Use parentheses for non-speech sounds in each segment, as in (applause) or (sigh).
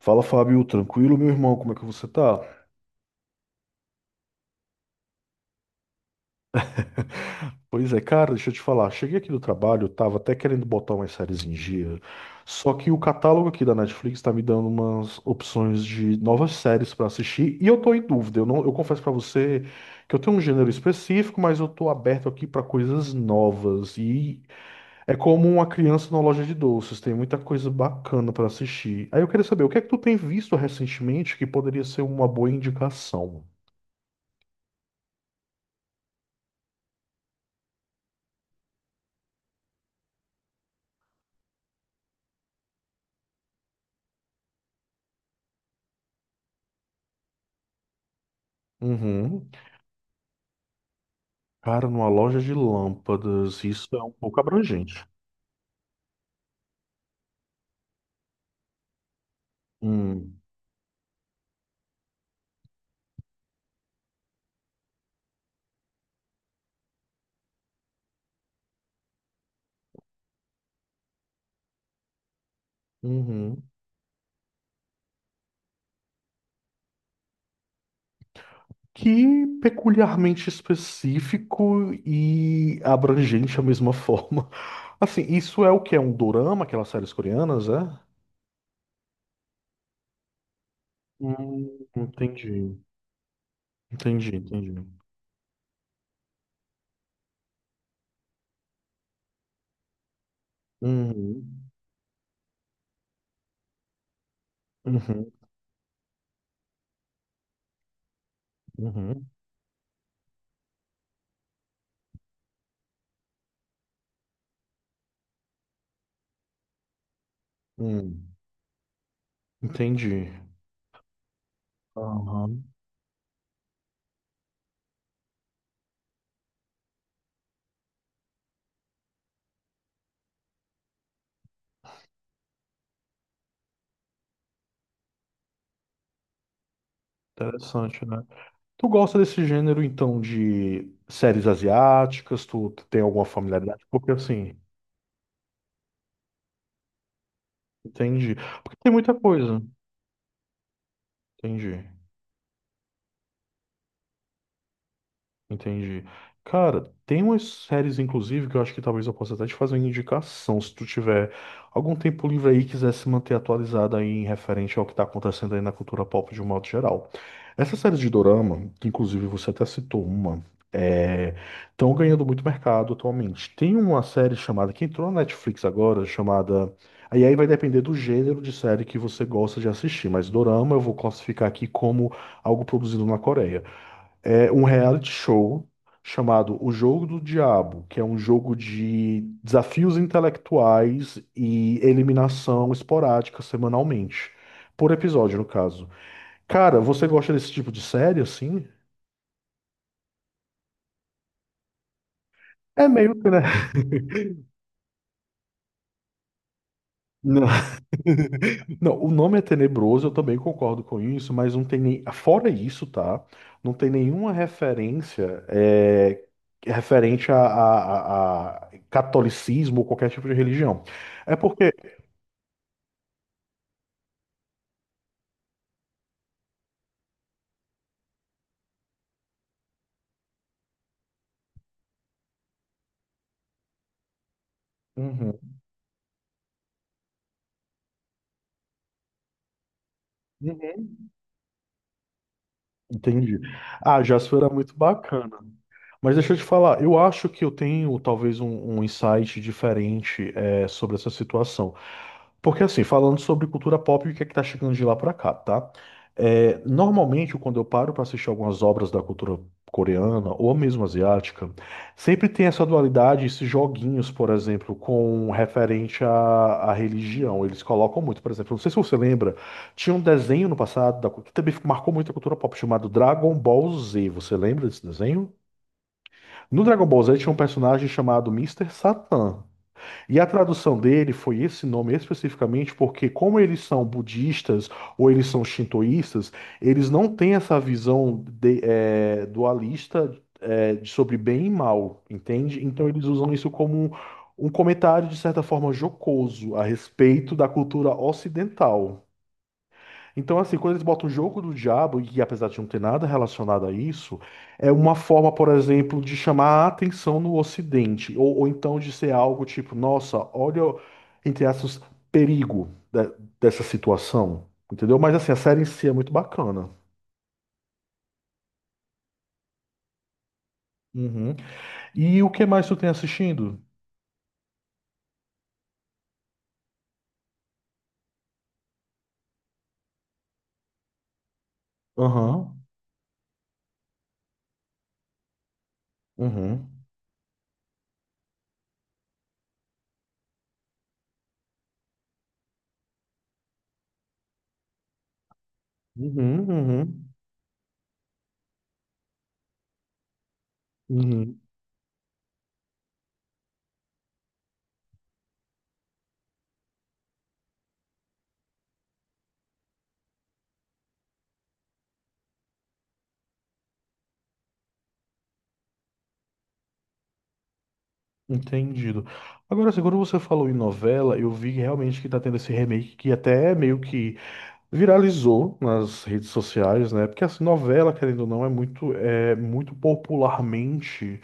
Fala, Fábio, tranquilo, meu irmão, como é que você tá? Pois é, cara, deixa eu te falar. Cheguei aqui do trabalho, eu tava até querendo botar umas séries em dia, só que o catálogo aqui da Netflix tá me dando umas opções de novas séries pra assistir e eu tô em dúvida. Eu não, eu confesso pra você que eu tenho um gênero específico, mas eu tô aberto aqui pra coisas novas e é como uma criança na loja de doces, tem muita coisa bacana pra assistir. Aí eu queria saber, o que é que tu tem visto recentemente que poderia ser uma boa indicação? Uhum. Cara, numa loja de lâmpadas, isso é um pouco abrangente. Hum, uhum. Que peculiarmente específico e abrangente à mesma forma. (laughs) Assim, isso é o que é um dorama, aquelas séries coreanas, é? Entendi, entendi, entendi. Uhum, uhum, uhum, hum, entendi. Aham, interessante, né? Tu gosta desse gênero, então, de séries asiáticas? Tu tem alguma familiaridade? Porque, assim, entendi. Porque tem muita coisa. Entendi. Entendi. Cara, tem umas séries, inclusive, que eu acho que talvez eu possa até te fazer uma indicação, se tu tiver algum tempo livre aí e quiser se manter atualizado aí em referente ao que tá acontecendo aí na cultura pop de um modo geral. Essas séries de Dorama, que inclusive você até citou uma, é... estão ganhando muito mercado atualmente. Tem uma série chamada, que entrou na Netflix agora, chamada. Aí vai depender do gênero de série que você gosta de assistir, mas Dorama eu vou classificar aqui como algo produzido na Coreia, é um reality show chamado O Jogo do Diabo, que é um jogo de desafios intelectuais e eliminação esporádica semanalmente, por episódio, no caso. Cara, você gosta desse tipo de série assim? É meio que, né? Não, (laughs) não, o nome é tenebroso, eu também concordo com isso, mas não tem nem. Fora isso, tá? Não tem nenhuma referência referente a catolicismo ou qualquer tipo de religião. É porque. Uhum. Uhum. Entendi. Ah, Jasper era muito bacana. Mas deixa eu te falar, eu acho que eu tenho talvez um insight diferente sobre essa situação. Porque assim, falando sobre cultura pop, o que é que tá chegando de lá pra cá, tá? É, normalmente, quando eu paro pra assistir algumas obras da cultura coreana ou mesmo asiática, sempre tem essa dualidade, esses joguinhos, por exemplo, com referente à religião. Eles colocam muito, por exemplo, não sei se você lembra, tinha um desenho no passado que também marcou muito a cultura pop chamado Dragon Ball Z. Você lembra desse desenho? No Dragon Ball Z tinha um personagem chamado Mister Satan. E a tradução dele foi esse nome especificamente porque, como eles são budistas ou eles são shintoístas, eles não têm essa visão dualista, de sobre bem e mal, entende? Então eles usam isso como um comentário, de certa forma, jocoso a respeito da cultura ocidental. Então, assim, quando eles botam o jogo do diabo, e apesar de não ter nada relacionado a isso, é uma forma, por exemplo, de chamar a atenção no Ocidente, ou então de ser algo tipo, nossa, olha, entre aspas, perigo dessa situação, entendeu? Mas, assim, a série em si é muito bacana. Uhum. E o que mais tu tem assistindo? Aham, uhum, uhum, uhum, uhum. Entendido. Agora, assim, quando você falou em novela, eu vi realmente que tá tendo esse remake que até é meio que viralizou nas redes sociais, né? Porque assim, novela, querendo ou não, é muito popularmente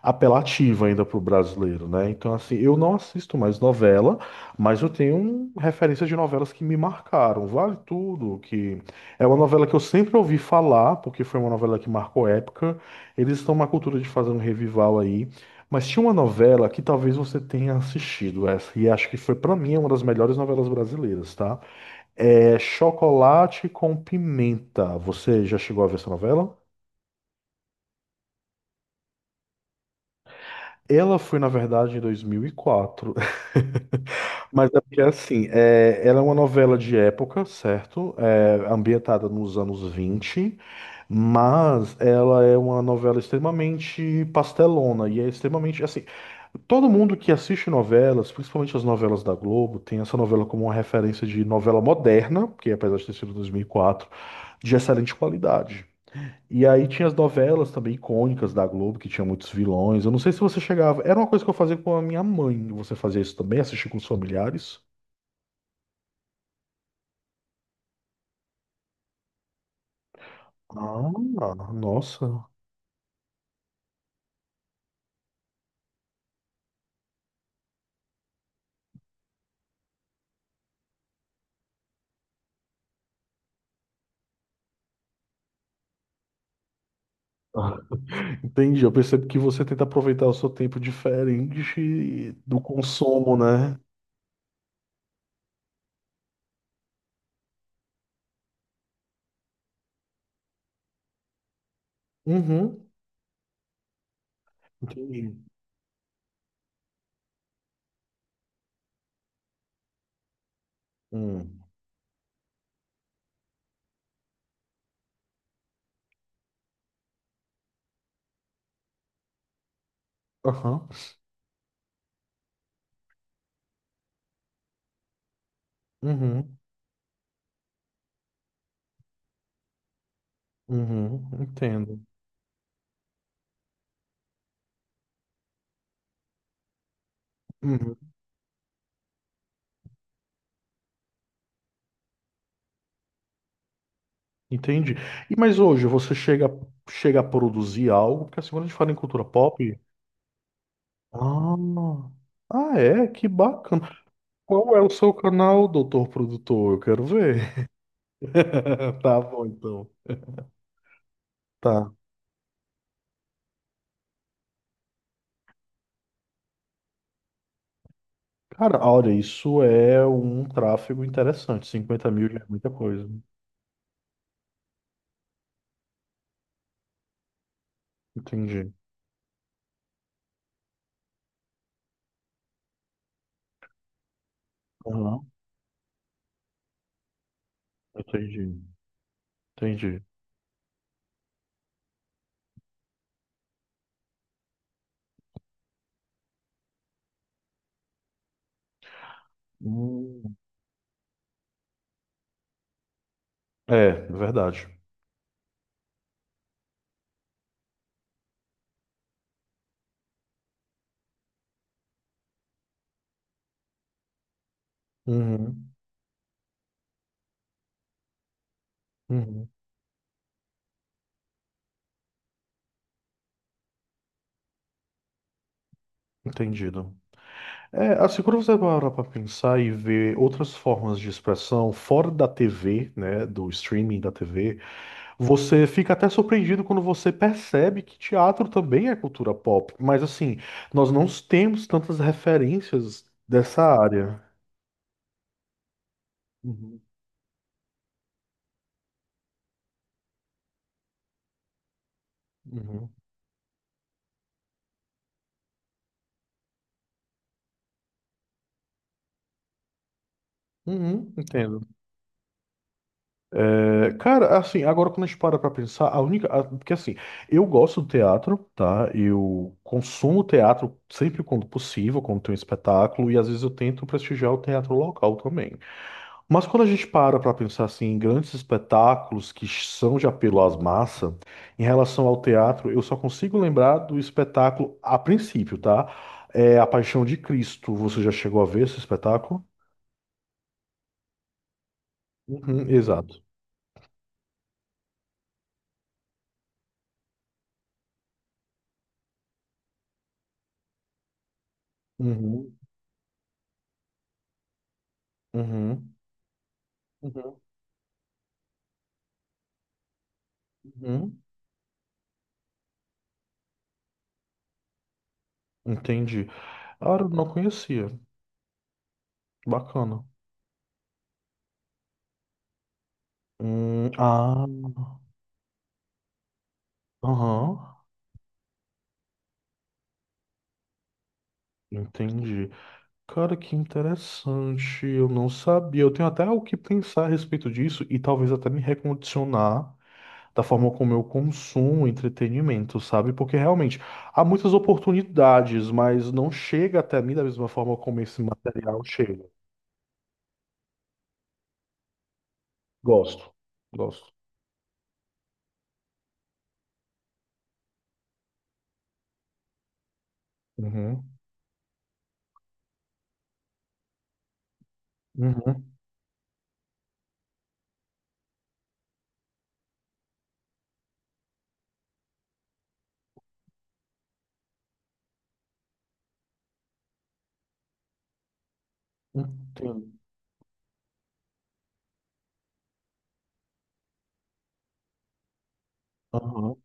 apelativa ainda para o brasileiro, né? Então, assim, eu não assisto mais novela, mas eu tenho um referência de novelas que me marcaram. Vale Tudo, que é uma novela que eu sempre ouvi falar, porque foi uma novela que marcou época. Eles estão na cultura de fazer um revival aí. Mas tinha uma novela que talvez você tenha assistido essa, e acho que foi, para mim, uma das melhores novelas brasileiras, tá? É Chocolate com Pimenta. Você já chegou a ver essa novela? Ela foi, na verdade, em dois mil e quatro. (laughs) Mas é porque, assim, ela é uma novela de época, certo? É ambientada nos anos 20, mas ela é uma novela extremamente pastelona e é extremamente, assim, todo mundo que assiste novelas, principalmente as novelas da Globo, tem essa novela como uma referência de novela moderna, porque apesar de ter sido 2004, de excelente qualidade. E aí tinha as novelas também icônicas da Globo, que tinha muitos vilões. Eu não sei se você chegava. Era uma coisa que eu fazia com a minha mãe. Você fazia isso também? Assistir com os familiares? Ah, nossa. (laughs) Entendi. Eu percebo que você tenta aproveitar o seu tempo diferente do consumo, né? Uhum. Entendi. Hum. Aham. Uhum. Uhum. Entendo. Uhum. Entendi. E mas hoje você chega a produzir algo? Porque assim, quando a gente fala em cultura pop, ah, ah, é? Que bacana. Qual é o seu canal, doutor produtor? Eu quero ver. (laughs) Tá bom, então. Tá. Cara, olha, isso é um tráfego interessante. 50 mil já é muita coisa. Entendi. Aham, entendi. Entendi. Hum. É, verdade. Uhum. Uhum. Entendido. É, assim, quando você parar para pensar e ver outras formas de expressão fora da TV, né, do streaming da TV. Você fica até surpreendido quando você percebe que teatro também é cultura pop, mas assim, nós não temos tantas referências dessa área. Uhum, uhum. Uhum, entendo. É, cara, assim, agora quando a gente para pra pensar, porque assim, eu gosto do teatro, tá? Eu consumo teatro sempre quando possível, quando tem um espetáculo, e às vezes eu tento prestigiar o teatro local também. Mas quando a gente para pensar assim, em grandes espetáculos que são de apelo às massas, em relação ao teatro, eu só consigo lembrar do espetáculo a princípio, tá? É A Paixão de Cristo. Você já chegou a ver esse espetáculo? Uhum, exato. Uhum, uhum, uhum, uhum. Entendi. Ah, eu não conhecia. Bacana. Ah, aham. Entendi. Cara, que interessante. Eu não sabia. Eu tenho até o que pensar a respeito disso e talvez até me recondicionar da forma como eu consumo entretenimento, sabe? Porque realmente há muitas oportunidades, mas não chega até mim da mesma forma como esse material chega. Gosto. Gosto. Uhum. Uhum. Entendo. Aham.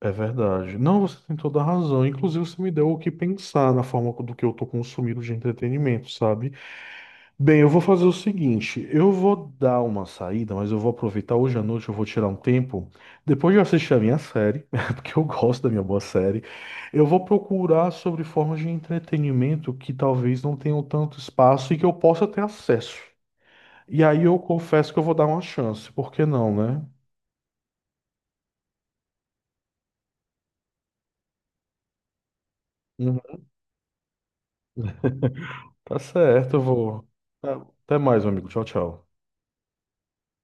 É verdade. Não, você tem toda a razão. Inclusive, você me deu o que pensar na forma do que eu tô consumindo de entretenimento, sabe? Bem, eu vou fazer o seguinte, eu vou dar uma saída, mas eu vou aproveitar hoje à noite, eu vou tirar um tempo. Depois de eu assistir a minha série, (laughs) porque eu gosto da minha boa série, eu vou procurar sobre formas de entretenimento que talvez não tenham tanto espaço e que eu possa ter acesso. E aí eu confesso que eu vou dar uma chance, por que não, né? Uhum. Tá certo, eu vou. Até mais, meu amigo. Tchau, tchau.